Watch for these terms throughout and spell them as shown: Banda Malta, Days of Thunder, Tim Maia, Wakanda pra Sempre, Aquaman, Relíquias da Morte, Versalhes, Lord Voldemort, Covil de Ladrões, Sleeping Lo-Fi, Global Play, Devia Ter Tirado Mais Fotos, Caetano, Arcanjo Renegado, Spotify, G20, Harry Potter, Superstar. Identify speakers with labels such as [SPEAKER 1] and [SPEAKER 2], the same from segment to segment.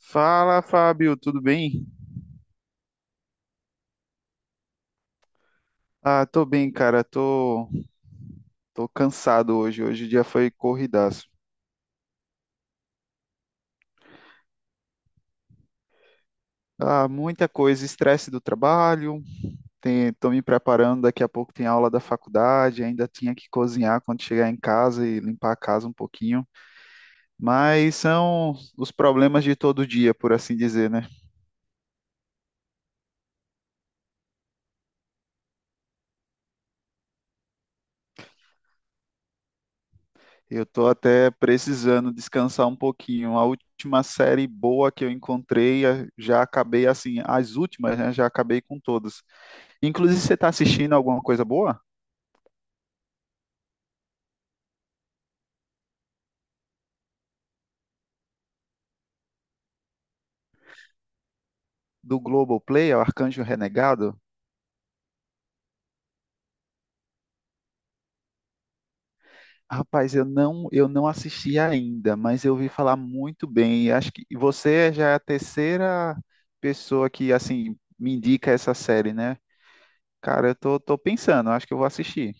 [SPEAKER 1] Fala, Fábio, tudo bem? Ah, tô bem, cara. Tô cansado hoje. Hoje o dia foi corridaço. Ah, muita coisa, estresse do trabalho. Tô me preparando, daqui a pouco tem aula da faculdade. Ainda tinha que cozinhar quando chegar em casa e limpar a casa um pouquinho. Mas são os problemas de todo dia, por assim dizer, né? Eu tô até precisando descansar um pouquinho. A última série boa que eu encontrei, já acabei assim, as últimas, né? Já acabei com todas. Inclusive, você está assistindo alguma coisa boa? Do Global Play, o Arcanjo Renegado? Rapaz, eu não assisti ainda, mas eu ouvi falar muito bem. Acho que você já é a terceira pessoa que assim me indica essa série, né? Cara, tô pensando, acho que eu vou assistir.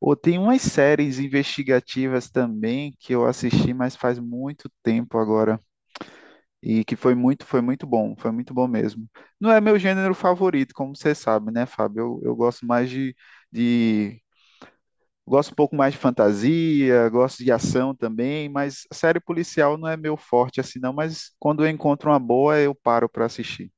[SPEAKER 1] Ou tem umas séries investigativas também que eu assisti, mas faz muito tempo agora. E que foi muito bom mesmo. Não é meu gênero favorito, como você sabe, né, Fábio? Eu gosto mais de. Gosto um pouco mais de fantasia, gosto de ação também, mas série policial não é meu forte assim, não. Mas quando eu encontro uma boa, eu paro para assistir.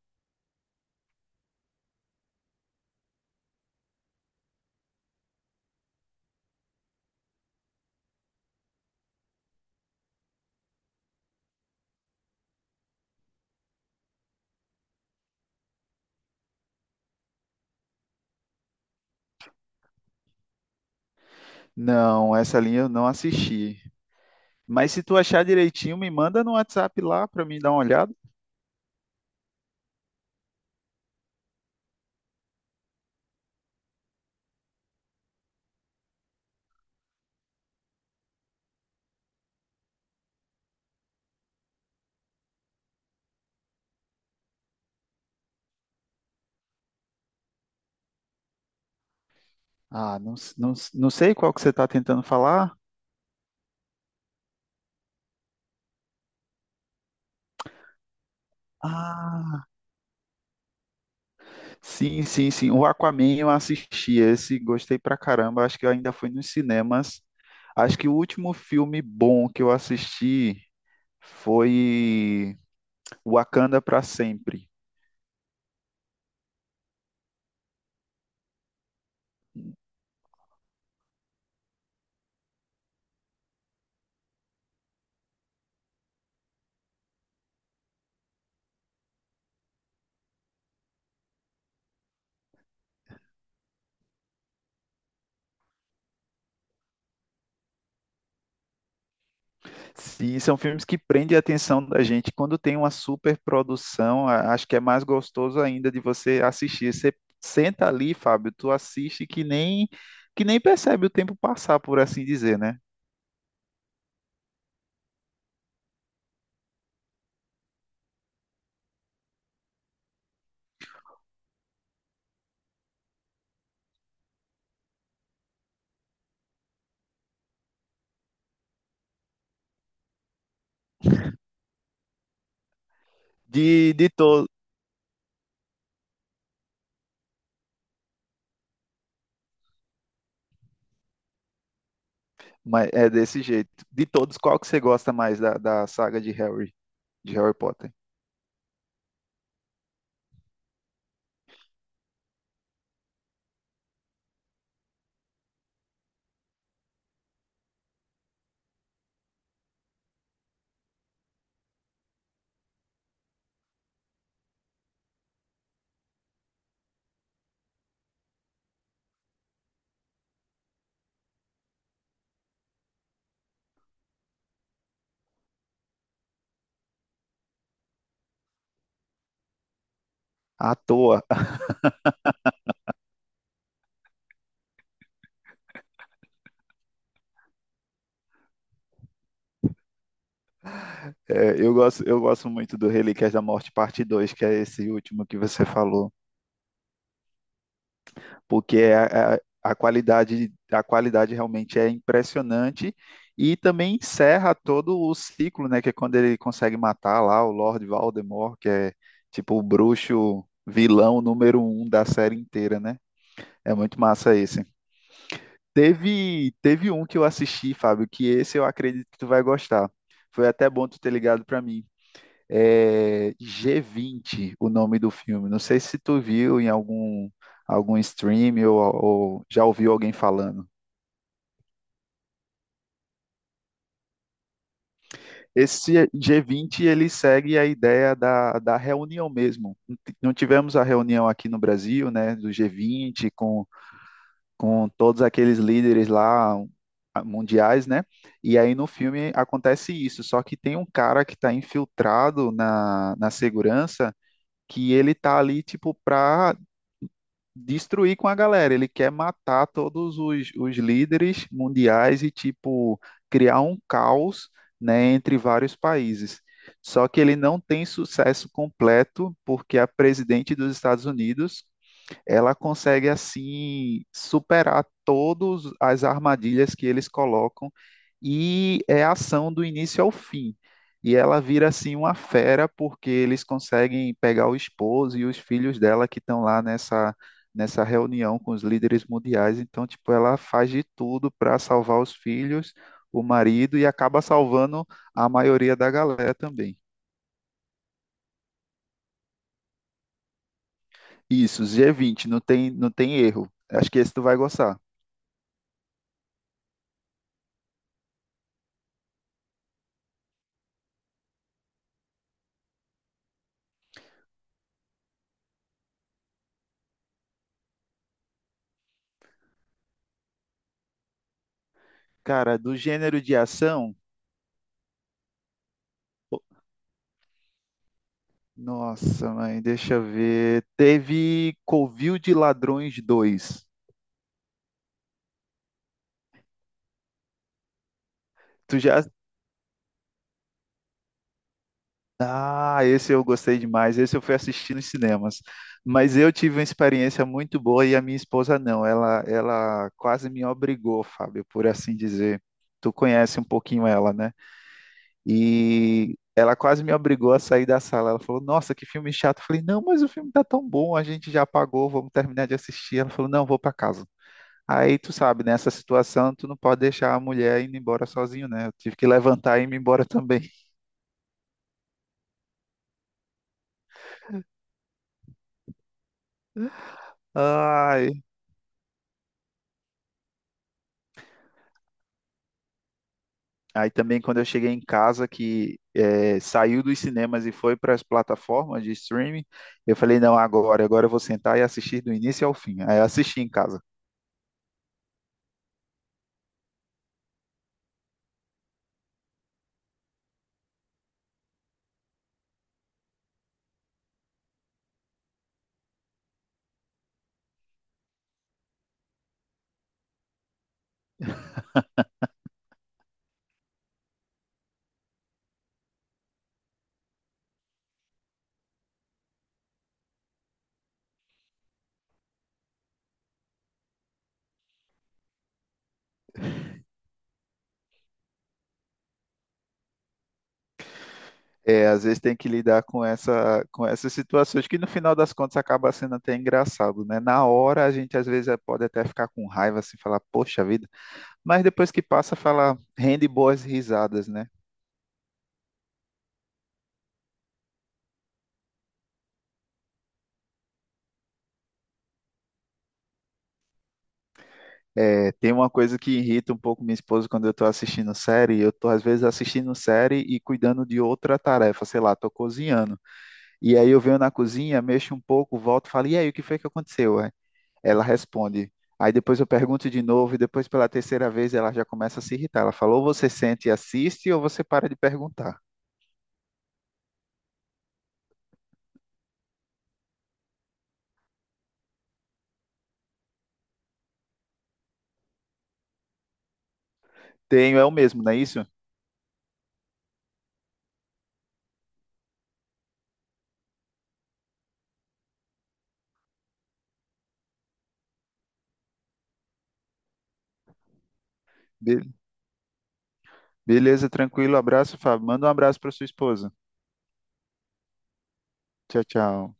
[SPEAKER 1] Não, essa linha eu não assisti. Mas se tu achar direitinho, me manda no WhatsApp lá para mim dar uma olhada. Ah, não, não, não sei qual que você está tentando falar. Ah, sim, sim, sim. O Aquaman eu assisti esse, gostei pra caramba. Acho que eu ainda fui nos cinemas. Acho que o último filme bom que eu assisti foi Wakanda pra Sempre. Sim, são filmes que prendem a atenção da gente. Quando tem uma super produção, acho que é mais gostoso ainda de você assistir. Você senta ali, Fábio, tu assiste que nem percebe o tempo passar, por assim dizer, né? De, de todos, mas é desse jeito. De todos, qual que você gosta mais da saga de Harry Potter? À toa. É, eu gosto muito do Relíquias da Morte, parte 2, que é esse último que você falou. Porque a qualidade realmente é impressionante e também encerra todo o ciclo, né? Que é quando ele consegue matar lá o Lord Voldemort, que é tipo o bruxo vilão número um da série inteira, né? É muito massa esse. Teve um que eu assisti, Fábio, que esse eu acredito que tu vai gostar. Foi até bom tu ter ligado para mim, é G20, o nome do filme. Não sei se tu viu em algum, algum stream ou já ouviu alguém falando. Esse G20 ele segue a ideia da reunião mesmo. Não tivemos a reunião aqui no Brasil, né, do G20 com todos aqueles líderes lá mundiais, né? E aí no filme acontece isso, só que tem um cara que está infiltrado na segurança que ele tá ali tipo para destruir com a galera. Ele quer matar os líderes mundiais e, tipo, criar um caos, né, entre vários países. Só que ele não tem sucesso completo porque a presidente dos Estados Unidos ela consegue assim superar todas as armadilhas que eles colocam e é ação do início ao fim. E ela vira assim uma fera porque eles conseguem pegar o esposo e os filhos dela que estão lá nessa reunião com os líderes mundiais. Então, tipo, ela faz de tudo para salvar os filhos, o marido e acaba salvando a maioria da galera também. Isso, G20 não tem, não tem erro. Acho que esse tu vai gostar. Cara, do gênero de ação, pô, nossa, mãe, deixa eu ver. Teve Covil de Ladrões dois. Tu já. Ah, esse eu gostei demais. Esse eu fui assistir nos cinemas. Mas eu tive uma experiência muito boa e a minha esposa não. Ela quase me obrigou, Fábio, por assim dizer. Tu conhece um pouquinho ela, né? E ela quase me obrigou a sair da sala. Ela falou: "Nossa, que filme chato." Eu falei: "Não, mas o filme tá tão bom, a gente já pagou, vamos terminar de assistir." Ela falou: "Não, vou pra casa." Aí tu sabe, nessa situação, tu não pode deixar a mulher indo embora sozinho, né? Eu tive que levantar e ir embora também. Ai. Aí também quando eu cheguei em casa, que saiu dos cinemas e foi para as plataformas de streaming, eu falei, não, agora eu vou sentar e assistir do início ao fim. Aí eu assisti em casa. É, às vezes tem que lidar com com essas situações que no final das contas acaba sendo até engraçado, né? Na hora a gente às vezes pode até ficar com raiva, assim, falar, poxa vida, mas depois que passa, fala, rende boas risadas, né? É, tem uma coisa que irrita um pouco minha esposa quando eu estou assistindo série. Eu estou, às vezes, assistindo série e cuidando de outra tarefa, sei lá, estou cozinhando. E aí eu venho na cozinha, mexo um pouco, volto e falo, e aí, o que foi que aconteceu? É? Ela responde. Aí depois eu pergunto de novo, e depois pela terceira vez ela já começa a se irritar. Ela falou, ou você sente e assiste, ou você para de perguntar. Tenho, é o mesmo, não é isso? Be- Beleza, tranquilo, abraço, Fábio. Manda um abraço para sua esposa. Tchau, tchau.